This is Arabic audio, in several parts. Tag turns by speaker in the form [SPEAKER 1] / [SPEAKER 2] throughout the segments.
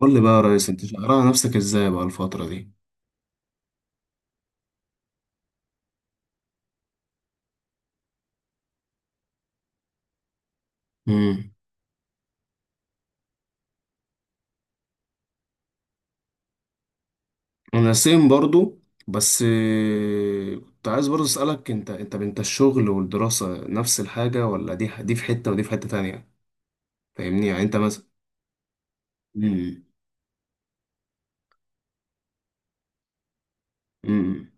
[SPEAKER 1] قول لي بقى يا ريس، انت شغال على نفسك ازاي بقى الفترة دي؟ امم. انا سيم برضو. بس كنت عايز برضو اسألك، انت الشغل والدراسة نفس الحاجة، ولا دي في حتة ودي في حتة تانية؟ فاهمني؟ يعني انت مثلا. امم، امم.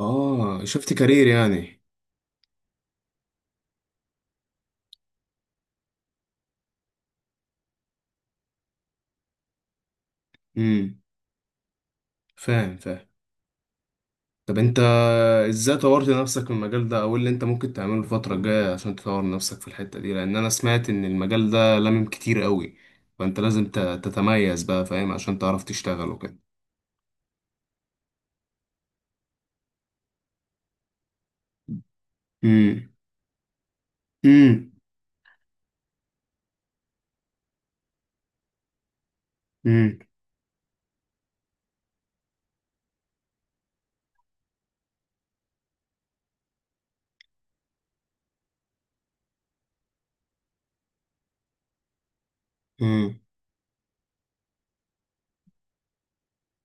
[SPEAKER 1] اه، شفت كارير يعني. امم. فاهم، فاهم. طب انت، ازاي طورت نفسك في المجال ده، او ايه اللي انت ممكن تعمله الفترة الجاية عشان تطور نفسك في الحتة دي، لان انا سمعت ان المجال ده كتير قوي، فانت لازم تتميز بقى، فاهم؟ عشان تعرف تشتغل وكده. امم، امم، امم، امم،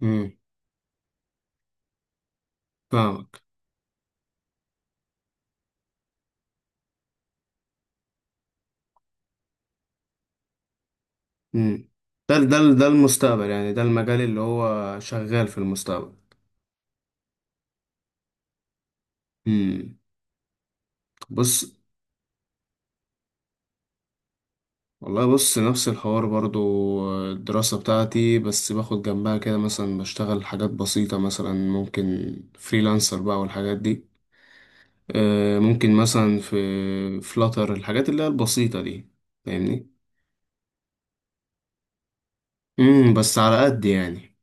[SPEAKER 1] امم. فاهمك. امم. ده ده ده المستقبل، يعني ده المجال اللي هو شغال في المستقبل. امم. بص، والله بص، نفس الحوار برضو. الدراسة بتاعتي، بس باخد جنبها كده، مثلا بشتغل حاجات بسيطة، مثلا ممكن فريلانسر بقى والحاجات دي. ممكن مثلا في فلاتر، الحاجات اللي هي البسيطة دي. فاهمني؟ امم. بس على قد يعني،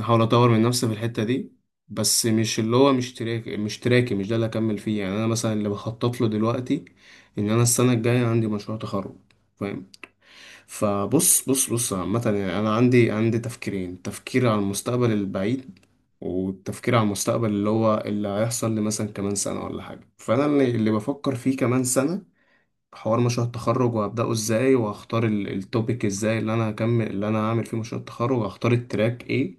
[SPEAKER 1] احاول اطور من نفسي في الحتة دي. بس مش اللي هو، مش تراكي، مش ده اللي اكمل فيه. يعني انا مثلا اللي بخطط له دلوقتي ان انا السنة الجاية عندي مشروع تخرج، فاهم؟ فبص، بص، عامة يعني أنا عندي تفكيرين: تفكير على المستقبل البعيد، والتفكير على المستقبل اللي هو اللي هيحصل لي مثلا كمان سنة ولا حاجة. فأنا اللي بفكر فيه كمان سنة، حوار مشروع التخرج، وهبدأه ازاي، وهختار التوبيك ازاي اللي أنا هكمل، اللي أنا هعمل فيه مشروع التخرج، وهختار التراك ايه.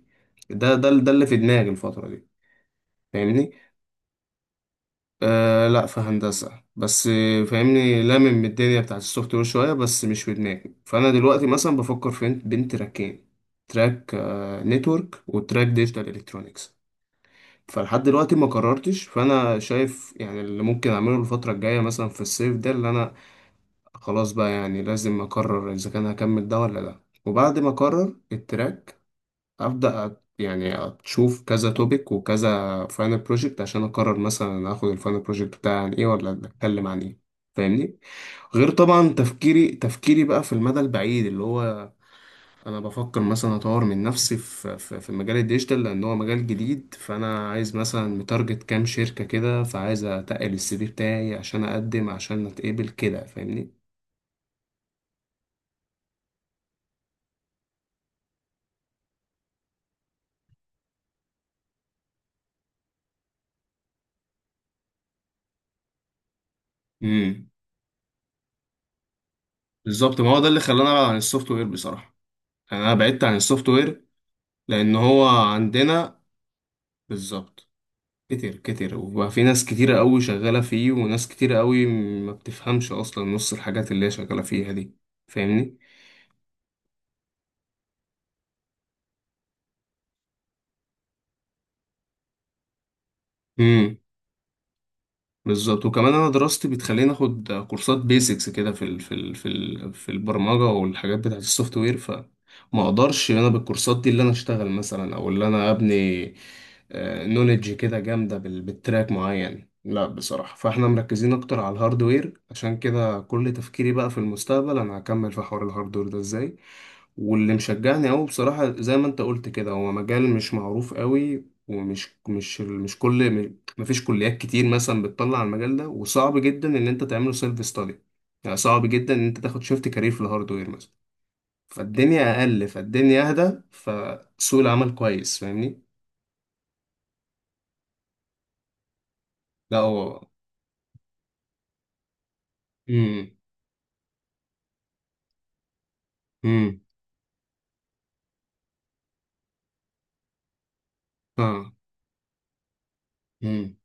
[SPEAKER 1] ده اللي في دماغي الفترة دي. فاهمني؟ آه، لا، في هندسة. بس فاهمني، الدنيا بتاعت السوفت وير شوية، بس مش في دماغي. فأنا دلوقتي مثلا بفكر في بين تراكين: تراك نتورك، وتراك ديجيتال الكترونيكس. فلحد دلوقتي ما قررتش. فأنا شايف يعني اللي ممكن أعمله الفترة الجاية، مثلا في الصيف ده اللي أنا، خلاص بقى يعني لازم أقرر إذا كان هكمل ده ولا لأ. وبعد ما أقرر التراك، يعني اشوف كذا توبيك وكذا فاينل بروجكت عشان اقرر مثلا اخد الفاينل بروجكت بتاعي عن ايه، ولا اتكلم عن ايه، فاهمني؟ غير طبعا تفكيري بقى في المدى البعيد، اللي هو انا بفكر مثلا اطور من نفسي في في مجال الديجيتال، لان هو مجال جديد. فانا عايز مثلا متارجت كام شركة كده، فعايز اتقل السي في بتاعي عشان اقدم عشان اتقبل كده، فاهمني؟ امم. بالظبط، ما هو ده اللي خلاني ابعد عن السوفت وير بصراحة. يعني انا بعدت عن السوفت وير لان هو عندنا، بالظبط، كتير كتير، وبقى في ناس كتيرة قوي شغالة فيه، وناس كتيرة قوي ما بتفهمش اصلا نص الحاجات اللي هي شغالة فيها دي. فاهمني؟ بالظبط. وكمان انا دراستي بتخليني اخد كورسات بيسكس كده في البرمجه، والحاجات بتاعه السوفت وير، فما اقدرش انا بالكورسات دي اللي انا اشتغل مثلا، او اللي انا ابني نولج كده جامده بالتراك معين. لا بصراحه، فاحنا مركزين اكتر على الهاردوير، عشان كده كل تفكيري بقى في المستقبل انا هكمل في حوار الهاردوير ده ازاي. واللي مشجعني قوي بصراحة، زي ما انت قلت كده، هو مجال مش معروف قوي، ومش مش مش كل، مفيش كليات كتير مثلا بتطلع على المجال ده، وصعب جدا ان انت تعمله سيلف ستادي. يعني صعب جدا ان انت تاخد شيفت كارير في الهاردوير مثلا، فالدنيا اقل، فالدنيا اهدى، فسوق العمل كويس، فاهمني؟ لا هو. امم، امم. اه. امم،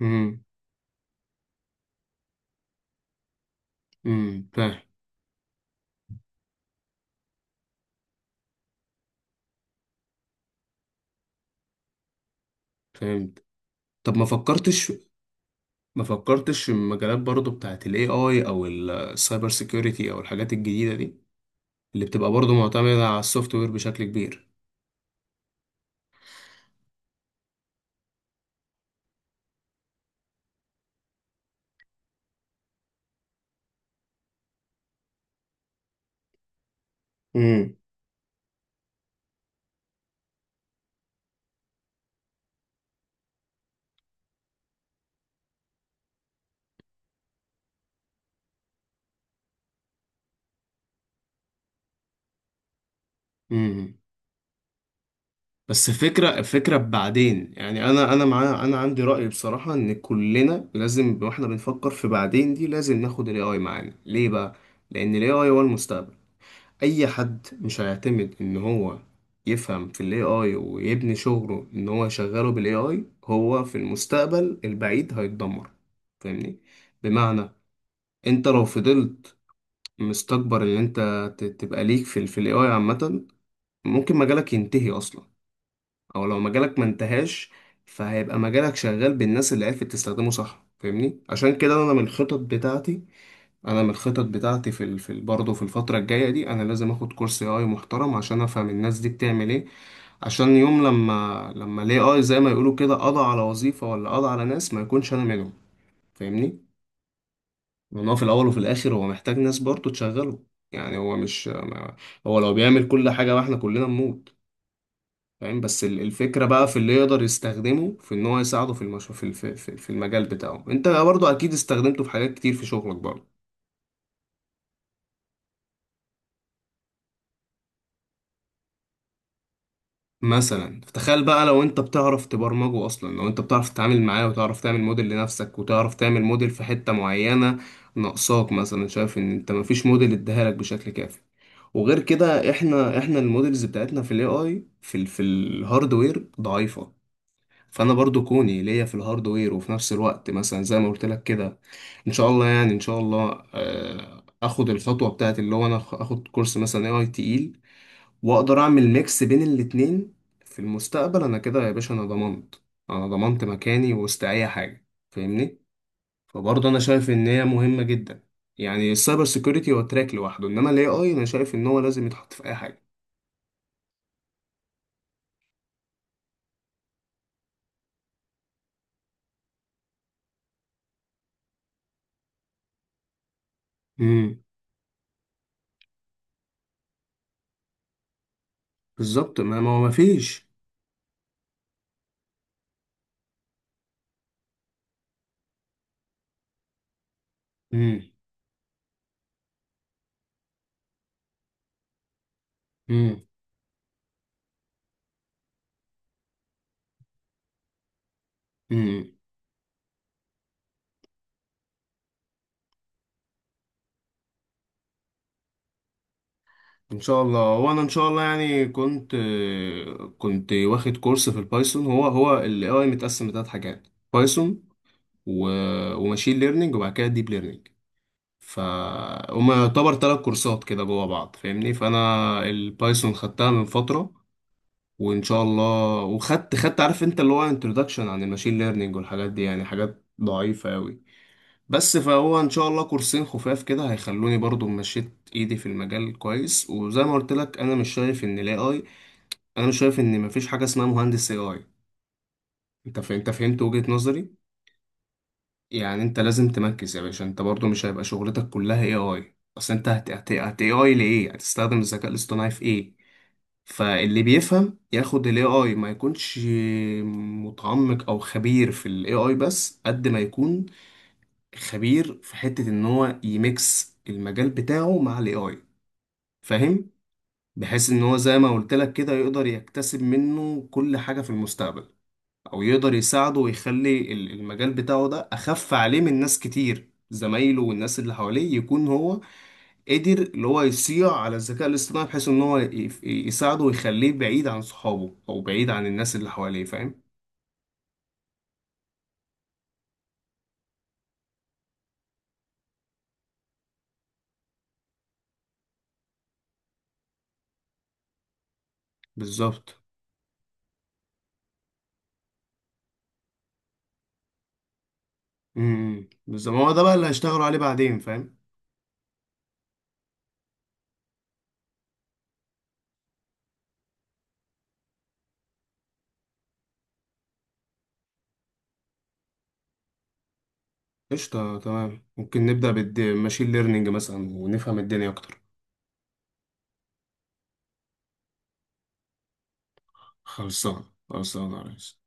[SPEAKER 1] امم، امم. فاهم. فهمت. طب ما فكرتش في المجالات برضو بتاعت الاي اي، او السايبر سيكيورتي، او الحاجات الجديدة دي اللي بتبقى برضو معتمدة على السوفت وير بشكل كبير؟ امم، امم. بس فكرة، فكرة بعدين. يعني أنا عندي رأي بصراحة، إن كلنا لازم وإحنا بنفكر في بعدين دي، لازم ناخد ال AI معانا، ليه بقى؟ لأن ال AI هو المستقبل. أي حد مش هيعتمد إن هو يفهم في ال AI، ويبني شغله إن هو يشغله بال AI، هو في المستقبل البعيد هيتدمر. فاهمني؟ بمعنى، أنت لو فضلت مستكبر إن أنت تبقى ليك في ال في ال AI عامة، ممكن مجالك ينتهي أصلا. او لو مجالك ما انتهاش، فهيبقى مجالك شغال بالناس اللي عرفت تستخدمه صح، فاهمني؟ عشان كده، انا من الخطط بتاعتي، في ال... برضه في الفتره الجايه دي، انا لازم اخد كورس اي اي محترم عشان افهم الناس دي بتعمل ايه، عشان يوم لما الاي اي زي ما يقولوا كده قضى على وظيفه ولا قضى على ناس، ما يكونش انا منهم، فاهمني؟ لان هو في الاول وفي الاخر هو محتاج ناس برضه تشغله. يعني هو مش ما- هو لو بيعمل كل حاجه واحنا كلنا نموت، فاهم؟ بس الفكرة بقى في اللي يقدر يستخدمه في ان هو يساعده في المش... في الف... في في المجال بتاعه. انت برضو اكيد استخدمته في حاجات كتير في شغلك برضو. مثلا تخيل بقى، لو انت بتعرف تبرمجه اصلا، لو انت بتعرف تتعامل معاه، وتعرف تعمل موديل لنفسك، وتعرف تعمل موديل في حتة معينة ناقصاك، مثلا شايف ان انت مفيش موديل اداها لك بشكل كافي. وغير كده، احنا الموديلز بتاعتنا في الاي اي، في ال... في الهاردوير ضعيفة. فانا برضو كوني ليا في الهاردوير وفي نفس الوقت مثلا زي ما قلت لك كده، ان شاء الله يعني، ان شاء الله اخد الخطوه بتاعت اللي هو انا اخد كورس مثلا اي اي تقيل، واقدر اعمل ميكس بين الاتنين. في المستقبل انا كده يا باشا، انا ضمنت، انا ضمنت مكاني وسط اي حاجه، فاهمني؟ فبرضه انا شايف ان هي مهمه جدا. يعني السايبر سيكيورتي هو تراك لوحده، انما الاي اي انا شايف ان هو لازم يتحط في اي حاجه. امم. بالظبط، ما هو ما فيش. امم. ان شاء الله. وانا ان شاء الله يعني كنت واخد كورس في البايثون. هو هو الاي اي متقسم لثلاث حاجات: بايثون، و... وماشين ليرنينج، وبعد كده ديب ليرنينج. ف، هما يعتبر 3 كورسات كده جوا بعض، فاهمني؟ فانا البايثون خدتها من فتره، وان شاء الله. خدت، عارف انت، اللي هو انتروداكشن عن الماشين ليرنينج والحاجات دي، يعني حاجات ضعيفه قوي. بس فهو ان شاء الله كورسين خفاف كده هيخلوني برضو مشيت ايدي في المجال كويس. وزي ما قلت لك، انا مش شايف ان الاي اي، انا مش شايف ان مفيش حاجه اسمها مهندس اي اي. انت فهمت وجهه نظري؟ يعني انت لازم تمركز يا باشا، انت برضو مش هيبقى شغلتك كلها اي اي، اصل انت هت هت هت اي اي لايه؟ هتستخدم الذكاء الاصطناعي في ايه؟ فاللي بيفهم ياخد الاي اي، ما يكونش متعمق او خبير في الاي اي، بس قد ما يكون خبير في حتة ان هو يميكس المجال بتاعه مع الاي اي، فاهم؟ بحيث ان هو، زي ما قلت لك كده، يقدر يكتسب منه كل حاجة في المستقبل، او يقدر يساعده ويخلي المجال بتاعه ده اخف عليه من ناس كتير، زمايله والناس اللي حواليه، يكون هو قدر اللي هو يصيع على الذكاء الاصطناعي، بحيث ان هو يساعده ويخليه بعيد عن صحابه او بعيد عن الناس اللي حواليه، فاهم؟ بالظبط. امم. بالظبط، ما هو ده بقى اللي هيشتغلوا عليه بعدين، فاهم؟ قشطة، تمام. ممكن نبدأ بالماشين ليرنينج مثلا ونفهم الدنيا أكتر. خلصان، خلصان يا ريس.